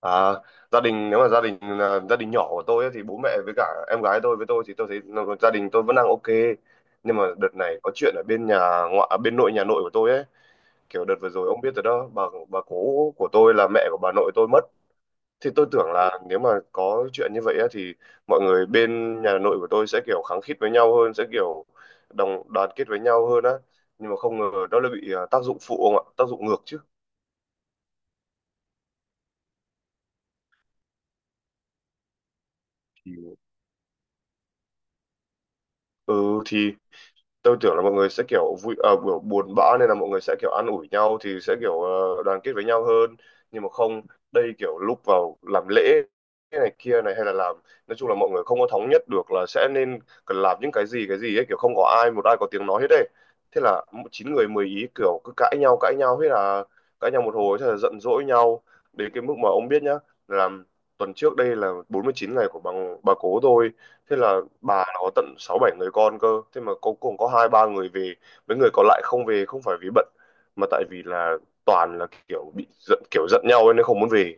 À, gia đình nếu mà gia đình là gia đình nhỏ của tôi ấy, thì bố mẹ với cả em gái tôi với tôi thì tôi thấy gia đình tôi vẫn đang ok. Nhưng mà đợt này có chuyện ở bên nhà ngoại à, bên nội, nhà nội của tôi ấy, kiểu đợt vừa rồi ông biết rồi đó. Bà cố của tôi là mẹ của bà nội tôi mất. Thì tôi tưởng là nếu mà có chuyện như vậy ấy, thì mọi người bên nhà nội của tôi sẽ kiểu khăng khít với nhau hơn, sẽ kiểu đồng đoàn kết với nhau hơn á. Nhưng mà không ngờ nó lại bị à, tác dụng phụ ông ạ, tác dụng ngược chứ. Thì ừ, thì tôi tưởng là mọi người sẽ kiểu vui à, kiểu buồn bã nên là mọi người sẽ kiểu an ủi nhau thì sẽ kiểu đoàn kết với nhau hơn. Nhưng mà không, đây kiểu lúc vào làm lễ cái này kia này hay là làm, nói chung là mọi người không có thống nhất được là sẽ nên cần làm những cái gì ấy, kiểu không có một ai có tiếng nói hết đấy. Thế là chín người mười ý, kiểu cứ cãi nhau, cãi nhau hết, là cãi nhau một hồi thế là giận dỗi nhau đến cái mức mà ông biết nhá, là tuần trước đây là 49 ngày của bà cố tôi. Thế là bà nó có tận sáu bảy người con cơ, thế mà cuối cùng có hai ba người về, mấy người còn lại không về không phải vì bận mà tại vì là toàn là kiểu bị giận, kiểu giận nhau ấy, nên không muốn về.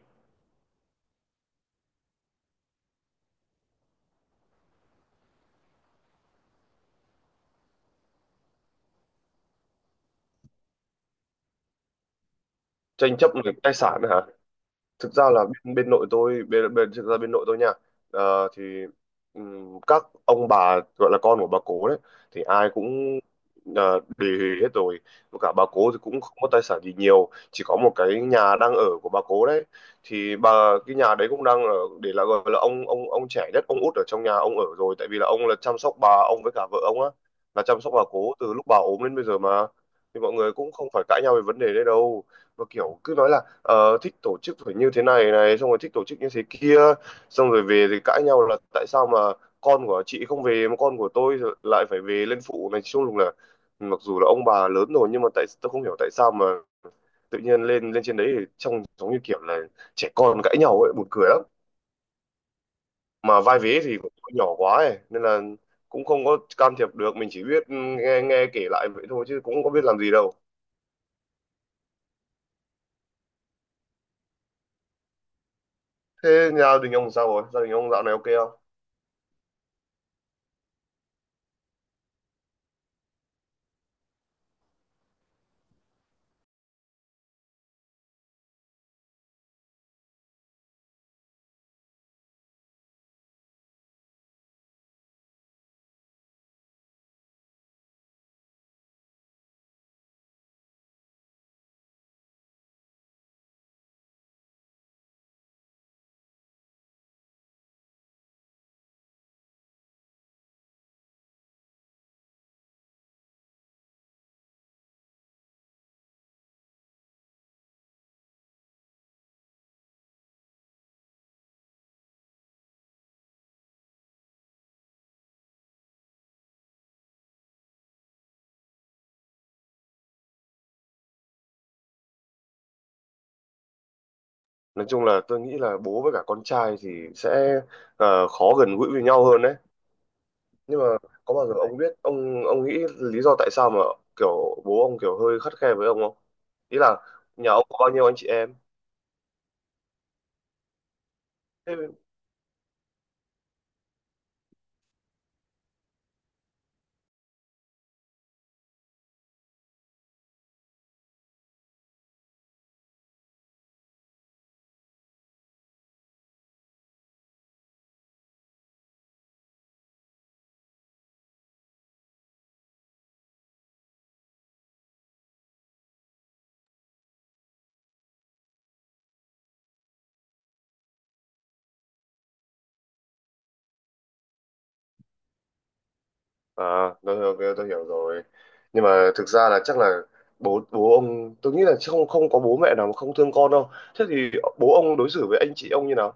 Tranh chấp về tài sản hả? Thực ra là bên, bên nội tôi, bên, bên thực ra bên nội tôi nha. Ờ, thì các ông bà gọi là con của bà cố đấy thì ai cũng ờ, đề hết rồi. Và cả bà cố thì cũng không có tài sản gì nhiều, chỉ có một cái nhà đang ở của bà cố đấy. Thì bà Cái nhà đấy cũng đang ở, để là gọi là ông trẻ nhất, ông út ở trong nhà ông ở rồi, tại vì là ông là chăm sóc bà, ông với cả vợ ông á, là chăm sóc bà cố từ lúc bà ốm đến bây giờ mà. Thì mọi người cũng không phải cãi nhau về vấn đề đấy đâu, và kiểu cứ nói là thích tổ chức phải như thế này này, xong rồi thích tổ chức như thế kia, xong rồi về thì cãi nhau là tại sao mà con của chị không về mà con của tôi thì lại phải về lên phụ này chung, lúc là mặc dù là ông bà lớn rồi nhưng mà tại tôi không hiểu tại sao mà tự nhiên lên lên trên đấy thì trông giống như kiểu là trẻ con cãi nhau ấy, buồn cười lắm. Mà vai vế thì cũng nhỏ quá ấy, nên là cũng không có can thiệp được, mình chỉ biết nghe nghe kể lại vậy thôi chứ cũng không biết làm gì đâu. Thế nhà đình ông sao rồi, gia đình ông dạo này ok không? Nói chung là tôi nghĩ là bố với cả con trai thì sẽ khó gần gũi với nhau hơn đấy. Nhưng mà có bao giờ ông biết ông nghĩ lý do tại sao mà kiểu bố ông kiểu hơi khắt khe với ông không? Ý là nhà ông có bao nhiêu anh chị em? Thế- à, tôi hiểu rồi. Nhưng mà thực ra là chắc là bố bố ông, tôi nghĩ là chắc không không có bố mẹ nào mà không thương con đâu. Thế thì bố ông đối xử với anh chị ông như nào?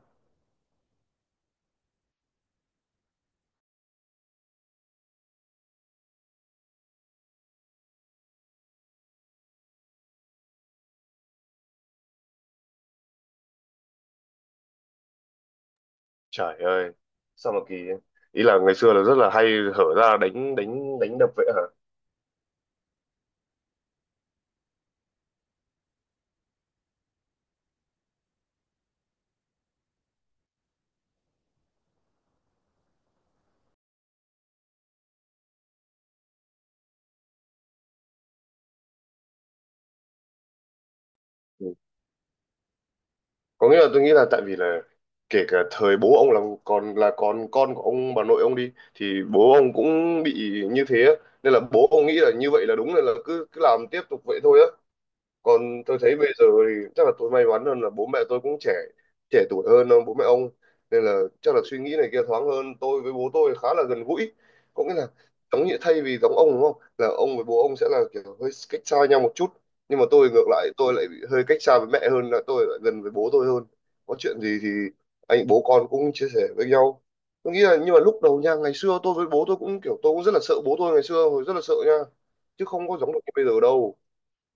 Trời ơi, sao mà kỳ ấy. Ý là ngày xưa là rất là hay hở ra đánh đánh đánh đập vậy hả? Ừ. Có nghĩa là tôi nghĩ là tại vì là kể cả thời bố ông là còn là con của ông bà nội ông đi thì bố ông cũng bị như thế á. Nên là bố ông nghĩ là như vậy là đúng nên là cứ cứ làm tiếp tục vậy thôi á. Còn tôi thấy bây giờ thì chắc là tôi may mắn hơn là bố mẹ tôi cũng trẻ, trẻ tuổi hơn bố mẹ ông, nên là chắc là suy nghĩ này kia thoáng hơn, tôi với bố tôi khá là gần gũi. Có nghĩa là giống như thay vì giống ông đúng không, là ông với bố ông sẽ là kiểu hơi cách xa nhau một chút, nhưng mà tôi ngược lại, tôi lại bị hơi cách xa với mẹ hơn, là tôi lại gần với bố tôi hơn. Có chuyện gì thì anh bố con cũng chia sẻ với nhau. Tôi nghĩ là nhưng mà lúc đầu nha, ngày xưa tôi với bố tôi cũng kiểu tôi cũng rất là sợ bố tôi ngày xưa, hồi rất là sợ nha, chứ không có giống được như bây giờ đâu.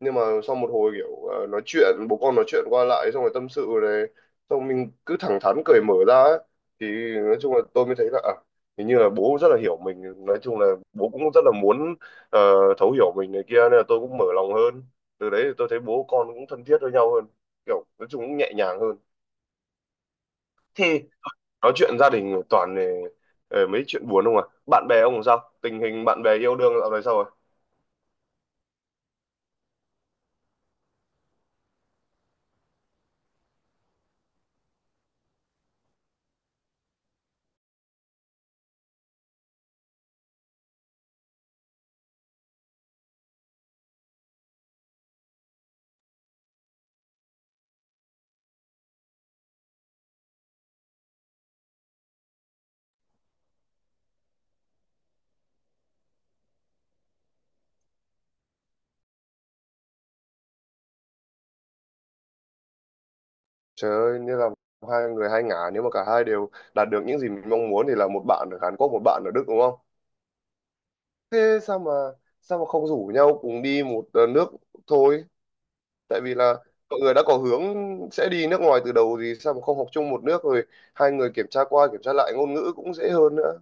Nhưng mà sau một hồi kiểu nói chuyện bố con, nói chuyện qua lại xong rồi tâm sự này, xong mình cứ thẳng thắn cởi mở ra ấy. Thì nói chung là tôi mới thấy là à, hình như là bố rất là hiểu mình, nói chung là bố cũng rất là muốn ờ, thấu hiểu mình này kia, nên là tôi cũng mở lòng hơn. Từ đấy thì tôi thấy bố con cũng thân thiết với nhau hơn, kiểu nói chung cũng nhẹ nhàng hơn. Thế, nói chuyện gia đình toàn mấy chuyện buồn không à, bạn bè ông sao, tình hình bạn bè, yêu đương dạo này sao rồi? Trời ơi, như là hai người hai ngả, nếu mà cả hai đều đạt được những gì mình mong muốn thì là một bạn ở Hàn Quốc, một bạn ở Đức đúng không? Thế sao mà không rủ nhau cùng đi một nước thôi? Tại vì là mọi người đã có hướng sẽ đi nước ngoài từ đầu, thì sao mà không học chung một nước rồi hai người kiểm tra qua kiểm tra lại ngôn ngữ cũng dễ hơn nữa.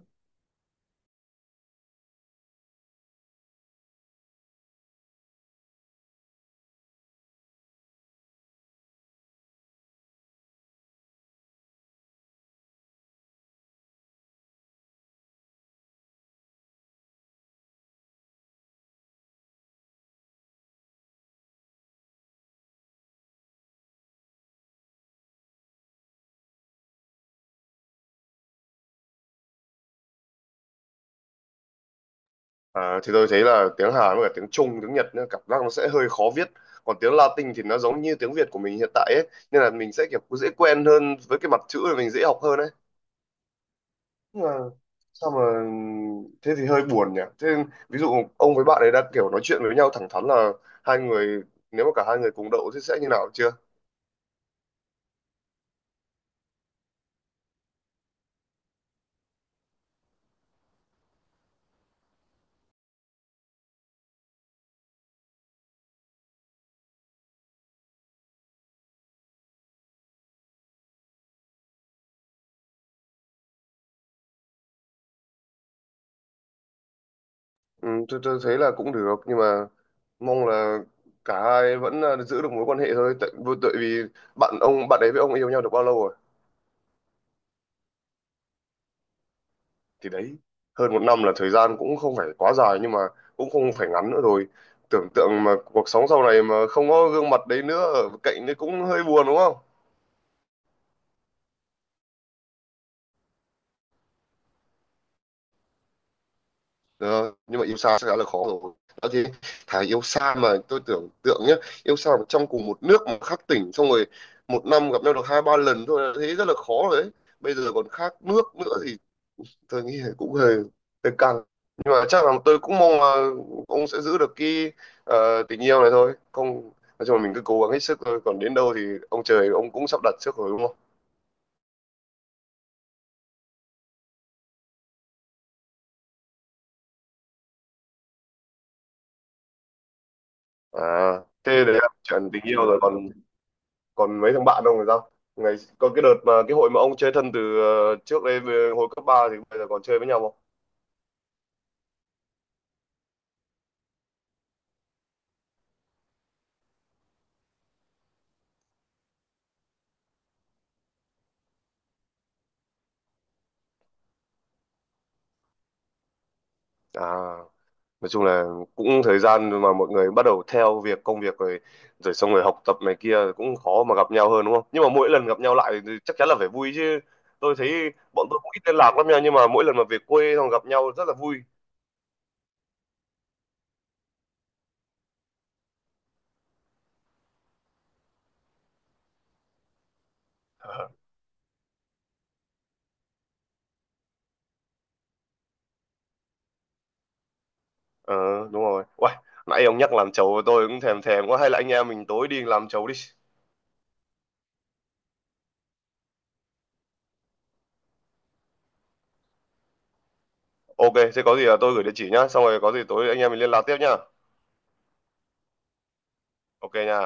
À, thì tôi thấy là tiếng Hàn với cả tiếng Trung, tiếng Nhật nữa, cảm giác nó sẽ hơi khó viết. Còn tiếng Latin thì nó giống như tiếng Việt của mình hiện tại ấy, nên là mình sẽ kiểu dễ quen hơn với cái mặt chữ rồi mình dễ học hơn ấy. Mà sao mà, thế thì hơi buồn nhỉ. Thế ví dụ ông với bạn ấy đã kiểu nói chuyện với nhau thẳng thắn là hai người nếu mà cả hai người cùng đậu thì sẽ như nào chưa? Ừ, tôi thấy là cũng được nhưng mà mong là cả hai vẫn là giữ được mối quan hệ thôi, tại vì bạn ông, bạn ấy với ông yêu nhau được bao lâu rồi? Thì đấy, hơn 1 năm là thời gian cũng không phải quá dài nhưng mà cũng không phải ngắn nữa rồi. Tưởng tượng mà cuộc sống sau này mà không có gương mặt đấy nữa ở cạnh đấy cũng hơi buồn đúng không? Đó, nhưng mà yêu xa sẽ đã là khó rồi. Đã thế, thà yêu xa mà tôi tưởng tượng nhá, yêu xa mà trong cùng một nước mà khác tỉnh, xong rồi 1 năm gặp nhau được hai ba lần thôi là thấy rất là khó rồi đấy. Bây giờ còn khác nước nữa thì tôi nghĩ là cũng hơi hơi căng. Nhưng mà chắc là tôi cũng mong là ông sẽ giữ được cái tình yêu này thôi. Không, nói chung là mình cứ cố gắng hết sức thôi, còn đến đâu thì ông trời ông cũng sắp đặt trước rồi đúng không? À, thế đấy là chuyện tình yêu rồi, còn còn mấy thằng bạn ông thì sao, ngày có cái đợt mà cái hội mà ông chơi thân từ trước đây về hồi cấp 3 thì bây giờ còn chơi với nhau không? À nói chung là cũng thời gian mà mọi người bắt đầu theo việc công việc rồi, rồi xong rồi học tập này kia cũng khó mà gặp nhau hơn đúng không, nhưng mà mỗi lần gặp nhau lại thì chắc chắn là phải vui chứ. Tôi thấy bọn tôi cũng ít liên lạc lắm nha, nhưng mà mỗi lần mà về quê xong gặp nhau rất là vui. Ờ đúng rồi. Uầy, nãy ông nhắc làm chầu tôi cũng thèm thèm quá, hay là anh em mình tối đi làm chầu đi. Ok, thế có gì là tôi gửi địa chỉ nhá, xong rồi có gì tối anh em mình liên lạc tiếp nhá. Ok nha.